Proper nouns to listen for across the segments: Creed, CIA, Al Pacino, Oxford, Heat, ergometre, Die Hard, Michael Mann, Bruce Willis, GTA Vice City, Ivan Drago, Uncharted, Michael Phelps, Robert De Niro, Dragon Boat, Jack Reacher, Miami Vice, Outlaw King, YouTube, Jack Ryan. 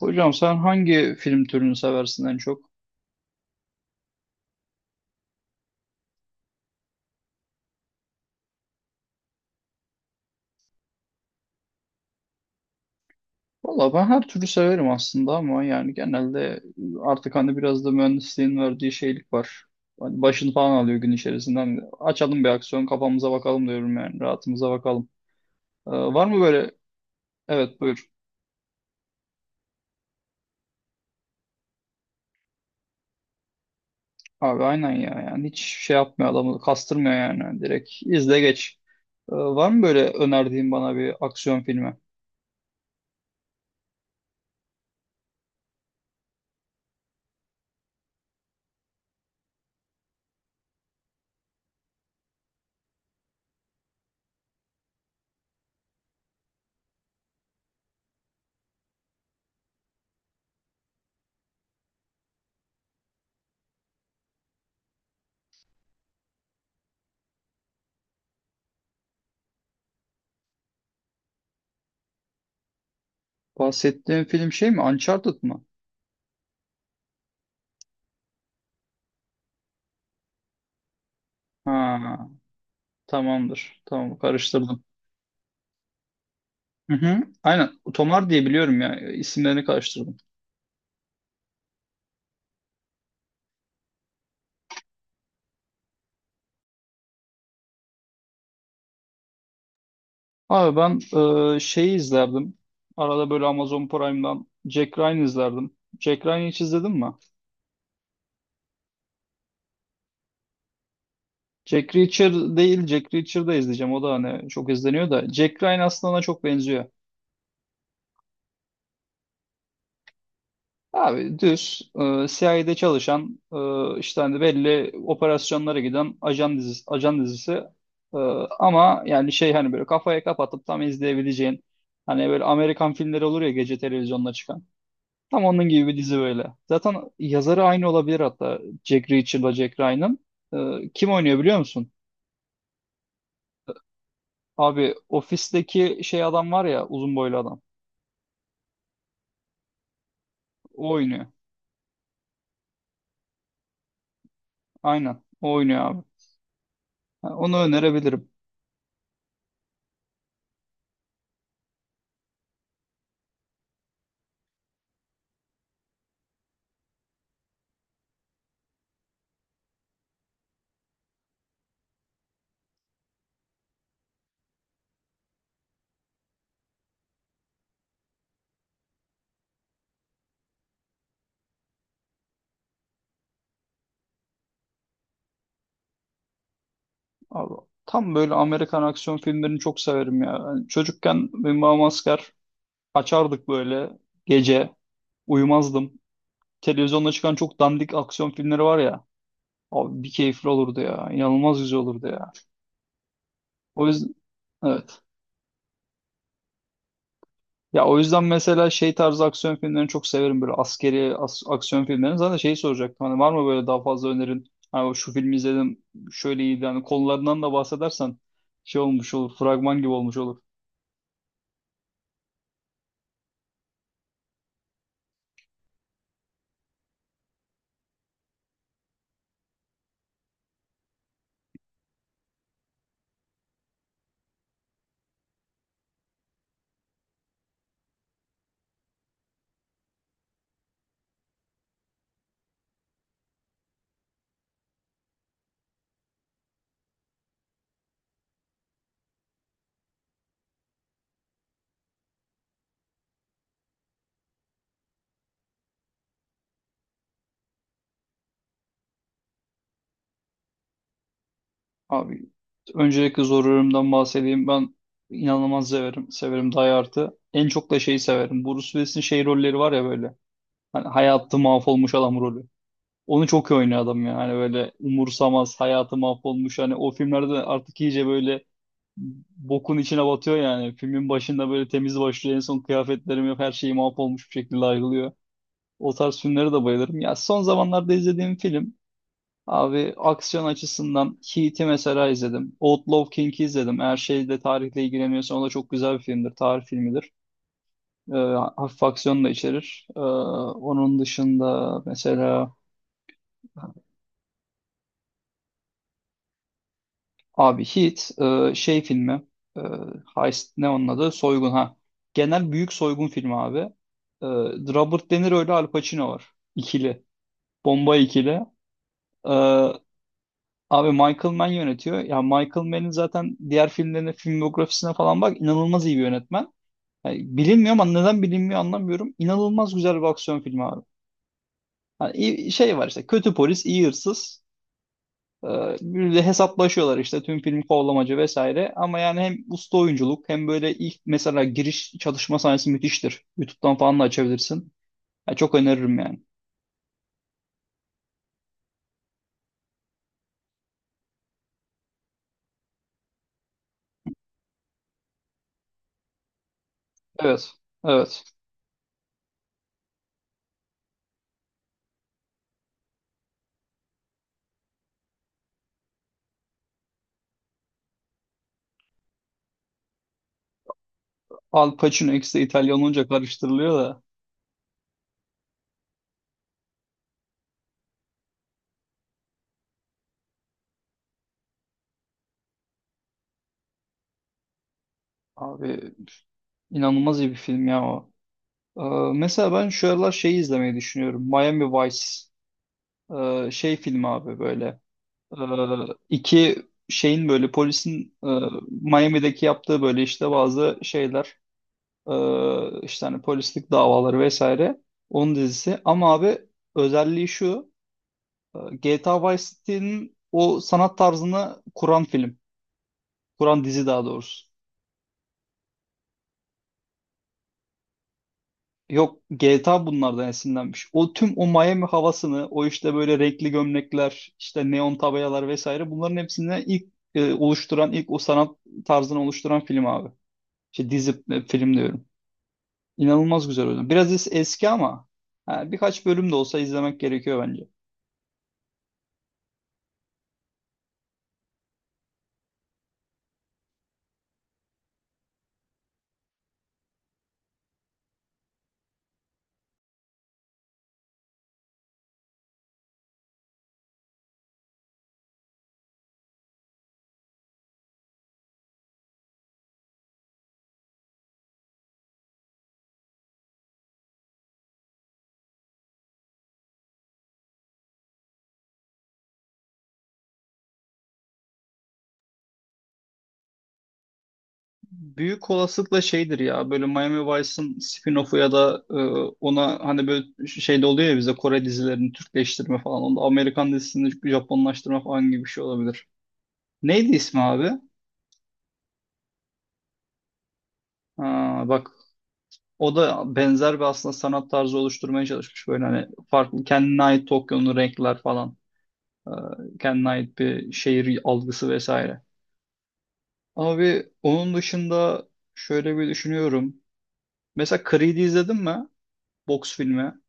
Hocam sen hangi film türünü seversin en çok? Valla ben her türlü severim aslında ama yani genelde artık hani biraz da mühendisliğin verdiği şeylik var. Hani başını falan alıyor gün içerisinden. Açalım bir aksiyon kafamıza bakalım diyorum yani rahatımıza bakalım. Var mı böyle? Evet buyur. Abi aynen ya yani hiç şey yapmıyor adamı kastırmıyor yani. Hani direkt izle geç. Var mı böyle önerdiğin bana bir aksiyon filmi? Bahsettiğin film şey mi? Uncharted mı? Ha, tamamdır. Tamam karıştırdım. Hı hı. Aynen. Tomar diye biliyorum ya. İsimlerini karıştırdım. Abi ben şeyi izlerdim. Arada böyle Amazon Prime'dan Jack Ryan izlerdim. Jack Ryan'ı hiç izledin mi? Jack Reacher değil, Jack Reacher'da izleyeceğim. O da hani çok izleniyor da. Jack Ryan aslında ona çok benziyor. Abi düz CIA'de çalışan işte hani belli operasyonlara giden ajan dizisi, ajan dizisi. E, ama yani şey hani böyle kafaya kapatıp tam izleyebileceğin. Hani böyle Amerikan filmleri olur ya gece televizyonda çıkan. Tam onun gibi bir dizi böyle. Zaten yazarı aynı olabilir hatta. Jack Reacher'la Jack Ryan'ın. Kim oynuyor biliyor musun? Abi ofisteki şey adam var ya uzun boylu adam. O oynuyor. Aynen. O oynuyor abi. Ha, onu önerebilirim. Abi, tam böyle Amerikan aksiyon filmlerini çok severim ya. Yani çocukken benim babam asker, açardık böyle gece. Uyumazdım. Televizyonda çıkan çok dandik aksiyon filmleri var ya. Abi bir keyifli olurdu ya. İnanılmaz güzel olurdu ya. O yüzden evet. Ya o yüzden mesela şey tarzı aksiyon filmlerini çok severim böyle askeri aksiyon filmlerini. Zaten şeyi soracaktım hani var mı böyle daha fazla önerin? Hani şu filmi izledim şöyle iyiydi hani konularından da bahsedersen şey olmuş olur, fragman gibi olmuş olur. Abi öncelikle Zor Ölüm'den bahsedeyim, ben inanılmaz severim Die Hard'ı. En çok da şeyi severim, Bruce Willis'in şey rolleri var ya böyle hani hayatı mahvolmuş adam rolü. Onu çok iyi oynuyor adam ya. Hani böyle umursamaz hayatı mahvolmuş, hani o filmlerde artık iyice böyle bokun içine batıyor yani. Filmin başında böyle temiz başlıyor. En son kıyafetlerim yok. Her şeyi mahvolmuş bir şekilde ayrılıyor. O tarz filmlere de bayılırım. Ya son zamanlarda izlediğim film, abi aksiyon açısından Heat'i mesela izledim. Outlaw King'i izledim. Eğer şeyde tarihle ilgileniyorsan o da çok güzel bir filmdir. Tarih filmidir. Ee, hafif aksiyon da içerir. Onun dışında mesela abi Heat, şey filmi, e, Heist ne onun adı? Soygun ha. Genel büyük soygun filmi abi. E, Robert De Niro ile Al Pacino var. İkili. Bomba ikili. E, abi Michael Mann yönetiyor. Ya Michael Mann'in zaten diğer filmlerine, filmografisine falan bak, inanılmaz iyi bir yönetmen. Yani bilinmiyor ama neden bilinmiyor anlamıyorum. İnanılmaz güzel bir aksiyon filmi abi. Hani şey var işte, kötü polis, iyi hırsız. Ee, Bir de hesaplaşıyorlar işte, tüm film kovalamacı vesaire. Ama yani hem usta oyunculuk hem böyle ilk mesela giriş çalışma sahnesi müthiştir. YouTube'dan falan da açabilirsin. Ya çok öneririm yani. Evet. Evet. Al Pacino X'de İtalyan olunca karıştırılıyor da. Abi inanılmaz iyi bir film ya o. Ee, mesela ben şu aralar şeyi izlemeyi düşünüyorum. Miami Vice. Şey film abi böyle. Ee, iki şeyin böyle polisin, Miami'deki yaptığı böyle işte bazı şeyler. İşte hani polislik davaları vesaire. Onun dizisi. Ama abi özelliği şu. e, GTA Vice City'nin o sanat tarzını kuran film. Kuran dizi daha doğrusu. Yok, GTA bunlardan esinlenmiş. O tüm o Miami havasını, o işte böyle renkli gömlekler, işte neon tabelalar vesaire, bunların hepsini ilk oluşturan, ilk o sanat tarzını oluşturan film abi. İşte dizi, film diyorum. İnanılmaz güzel oyun. Biraz eski ama ha, birkaç bölüm de olsa izlemek gerekiyor bence. Büyük olasılıkla şeydir ya böyle Miami Vice'ın spin-off'u ya da ona hani böyle şeyde oluyor ya, bize Kore dizilerini Türkleştirme falan. Onda Amerikan dizisini Japonlaştırma falan gibi bir şey olabilir. Neydi ismi abi? Ha, bak o da benzer bir aslında sanat tarzı oluşturmaya çalışmış. Böyle hani farklı kendine ait Tokyo'nun renkler falan. e, kendine ait bir şehir algısı vesaire. Abi onun dışında şöyle bir düşünüyorum. Mesela Creed'i izledin mi? Boks filmi.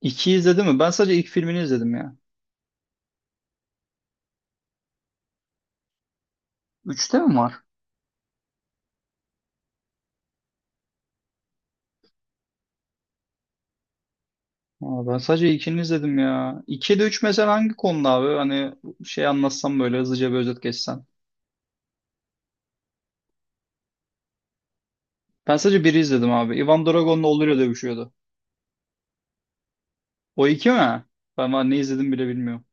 İki izledin mi? Ben sadece ilk filmini izledim ya. Üçte mi var? Aa, ben sadece ilkini izledim ya. İki de üç mesela hangi konuda abi? Hani şey anlatsam böyle hızlıca bir özet geçsen. Ben sadece biri izledim abi. Ivan Drago'nun oğluyla dövüşüyordu. O iki mi? Ben var ne izledim bile bilmiyorum.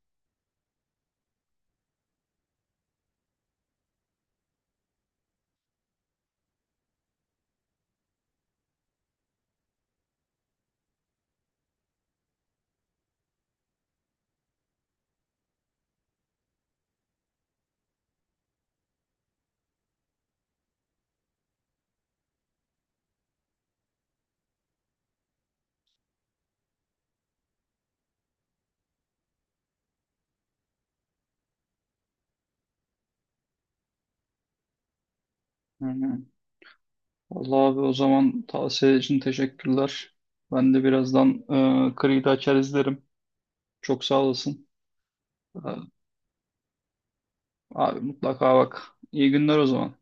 Hı hı. Vallahi abi o zaman tavsiye için teşekkürler. Ben de birazdan Creed'i açar izlerim. Çok sağ olasın. Ee, Abi mutlaka bak. İyi günler o zaman.